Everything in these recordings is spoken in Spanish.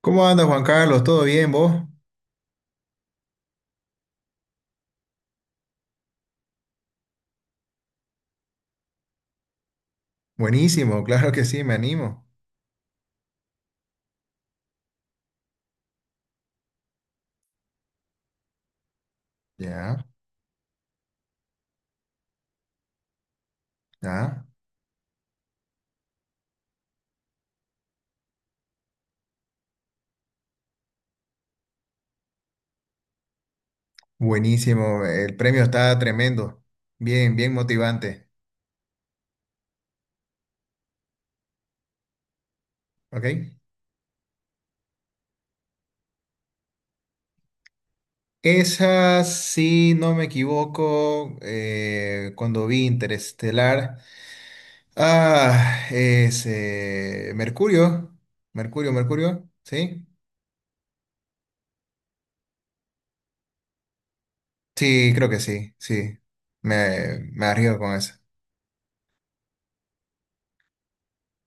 ¿Cómo anda, Juan Carlos? ¿Todo bien, vos? Buenísimo, claro que sí, me animo. Ya, ya. Buenísimo, el premio está tremendo. Bien, bien motivante. ¿Ok? Esa, si no me equivoco, cuando vi Interestelar. Ah, es Mercurio. Mercurio, Mercurio. ¿Sí? Sí, creo que sí, sí. Me arriesgo con eso.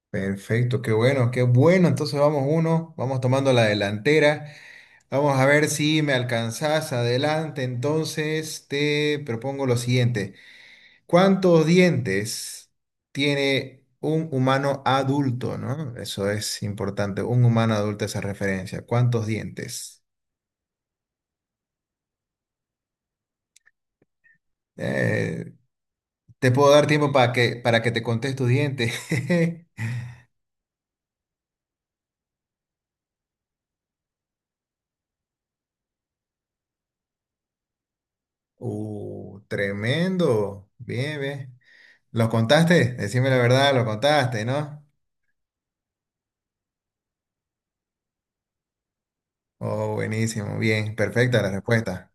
Perfecto, qué bueno, qué bueno. Entonces vamos uno, vamos tomando la delantera. Vamos a ver si me alcanzás adelante. Entonces te propongo lo siguiente. ¿Cuántos dientes tiene un humano adulto, no? Eso es importante. Un humano adulto, esa referencia. ¿Cuántos dientes? Eh, Te puedo dar tiempo para que te contes tu diente. Tremendo. Bien, bien. ¿Lo contaste? Decime la verdad, lo contaste, ¿no? Oh, buenísimo, bien, perfecta la respuesta.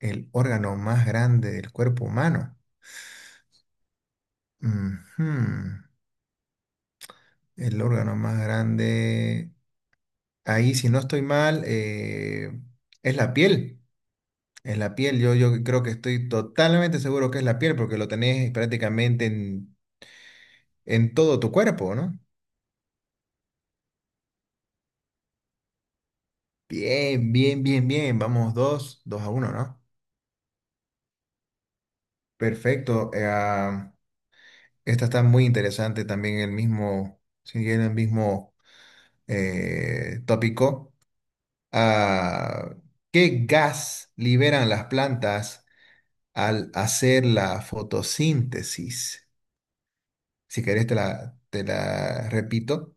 El órgano más grande del cuerpo humano. Ujú. El órgano más grande. Ahí, si no estoy mal, es la piel. Es la piel. Yo creo que estoy totalmente seguro que es la piel porque lo tenés prácticamente en todo tu cuerpo, ¿no? Bien, bien, bien, bien. Vamos dos, dos a uno, ¿no? Perfecto. Esta está muy interesante también el mismo, siguiendo el mismo tópico. Ah, ¿qué gas liberan las plantas al hacer la fotosíntesis? Si querés te la repito.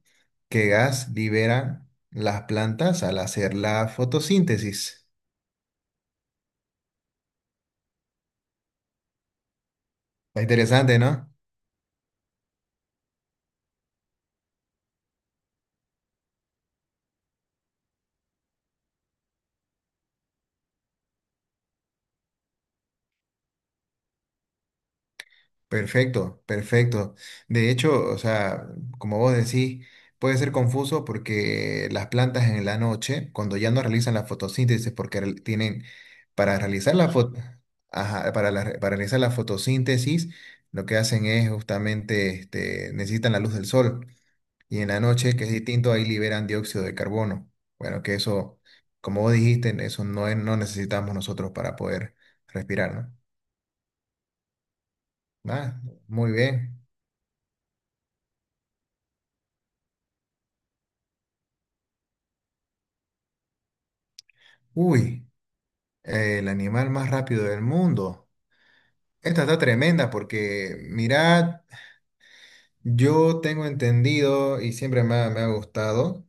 ¿Qué gas liberan las plantas al hacer la fotosíntesis? Está interesante, ¿no? Perfecto, perfecto. De hecho, o sea, como vos decís, puede ser confuso porque las plantas en la noche, cuando ya no realizan la fotosíntesis, porque tienen para realizar ajá, para realizar la fotosíntesis, lo que hacen es justamente, este, necesitan la luz del sol. Y en la noche, que es distinto, ahí liberan dióxido de carbono. Bueno, que eso, como vos dijiste, eso no necesitamos nosotros para poder respirar, ¿no? Ah, muy bien. Uy. El animal más rápido del mundo. Esta está tremenda porque, mirad, yo tengo entendido y siempre me ha gustado.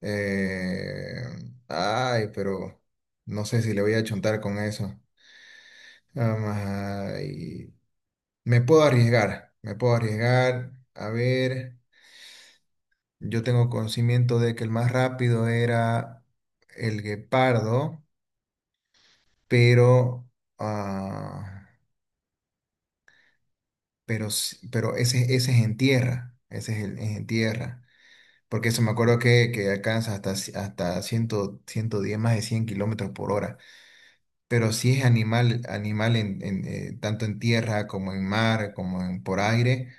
eh, Ay, pero no sé si le voy a chontar con eso. Ay, me puedo arriesgar, me puedo arriesgar. A ver, yo tengo conocimiento de que el más rápido era el guepardo, pero... Ah. Pero, pero ese es en tierra, ese es, es en tierra, porque eso me acuerdo que alcanza hasta 100, 110 más de 100 kilómetros por hora, pero si es animal, animal tanto en tierra como en mar, como en, por aire,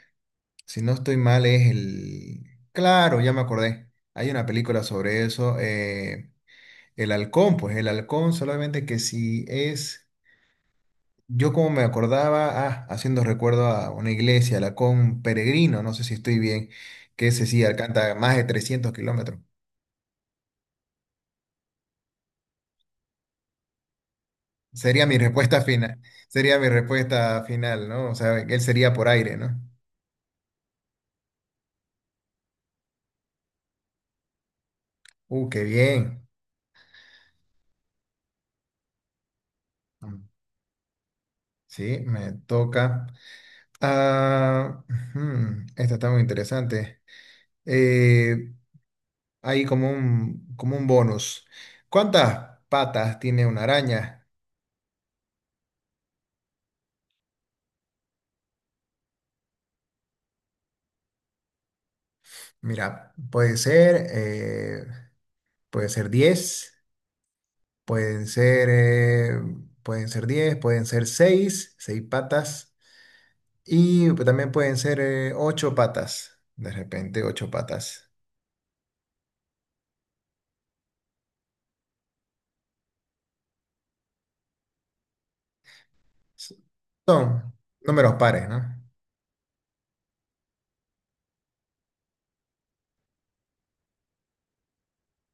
si no estoy mal es el... Claro, ya me acordé, hay una película sobre eso, el halcón, pues el halcón solamente que si es... Yo como me acordaba, ah, haciendo recuerdo a una iglesia, la Con Peregrino, no sé si estoy bien, que ese sí alcanza más de 300 kilómetros. Sería mi respuesta final, sería mi respuesta final, ¿no? O sea, él sería por aire, ¿no? Qué bien. Mm, sí, me toca. Ah, ujú, esta está muy interesante. Eh, Hay como un, bonus. ¿Cuántas patas tiene una araña? Mira, puede ser. Pueden ser 10, pueden ser, eh, pueden ser 10, pueden ser 6 patas, y también pueden ser 8 patas, de repente 8 patas. S- Son números pares, ¿no?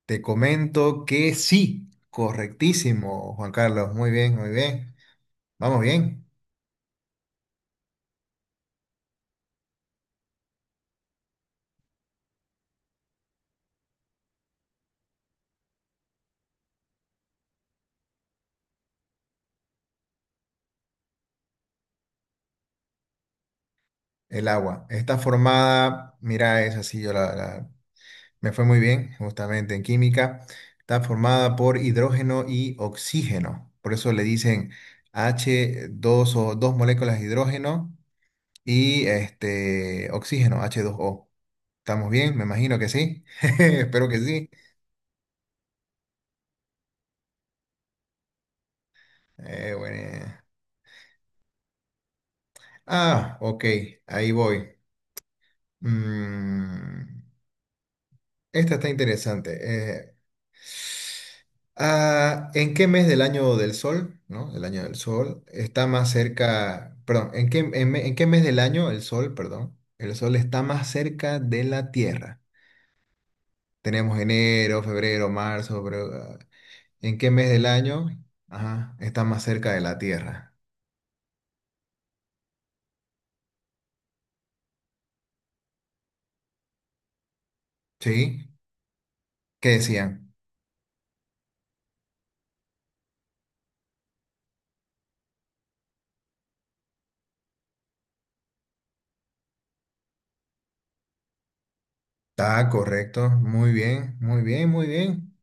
Te comento que sí, correctísimo, Juan Carlos, muy bien, muy bien. Vamos bien. El agua está formada, mira, es así, me fue muy bien, justamente en química. Está formada por hidrógeno y oxígeno. Por eso le dicen H2O dos moléculas de hidrógeno y este oxígeno, H2O. ¿Estamos bien? Me imagino que sí. Espero que sí. Bueno. Ah, ok, ahí voy. Mm, Esta está interesante. Eh, ah, ¿en qué mes del año del sol, ¿no? El año del sol está más cerca, perdón, en qué mes del año el sol, perdón, el sol está más cerca de la Tierra? Tenemos enero, febrero, marzo, pero ah, ¿en qué mes del año, ajá, está más cerca de la Tierra? ¿Sí? ¿Qué decían? Está correcto, muy bien, muy bien, muy bien.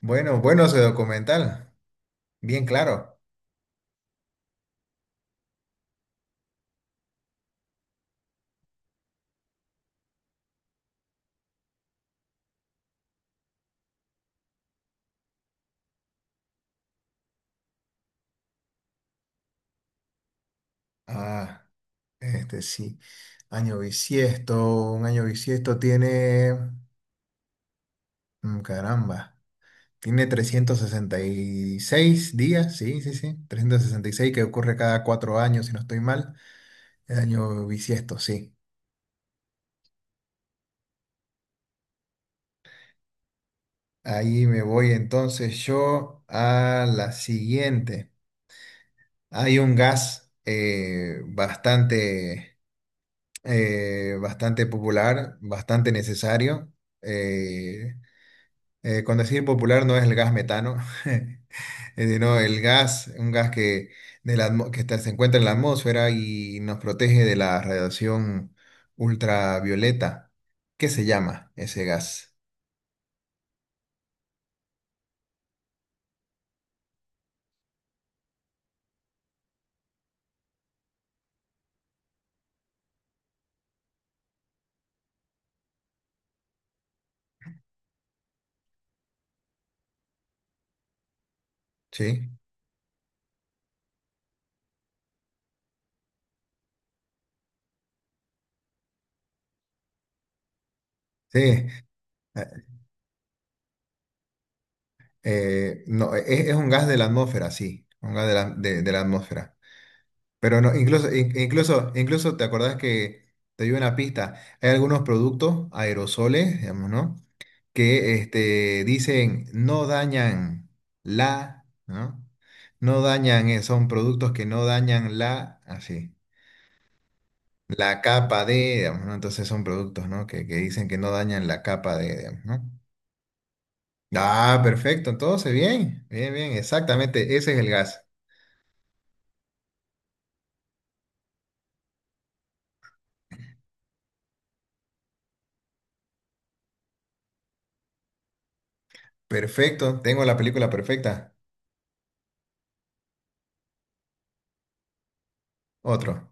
Bueno, bueno ese documental, bien claro. Ah. Este sí, año bisiesto, un año bisiesto tiene, caramba, tiene 366 días, sí, sí, sí, 366 que ocurre cada 4 años, si no estoy mal, el año bisiesto, sí. Ahí me voy entonces yo a la siguiente. Hay un gas bastante, bastante popular, bastante necesario. eh, con decir popular no es el gas metano. No, el gas, un gas que, de la atmo- que está- se encuentra en la atmósfera y nos protege de la radiación ultravioleta. ¿Qué se llama ese gas? Sí, sí. eh, no, es un gas de la atmósfera, sí, un gas de la atmósfera. Pero no, incluso te acordás que te dio una pista. Hay algunos productos aerosoles, digamos, ¿no? Que este, dicen no dañan la, ¿no? No dañan, son productos que no dañan la, así, la capa de, digamos, ¿no? Entonces son productos, ¿no? Que dicen que no dañan la capa de, digamos, ¿no? Ah, perfecto, entonces bien, bien, bien, exactamente, ese es el gas. Perfecto, tengo la película perfecta. Otro.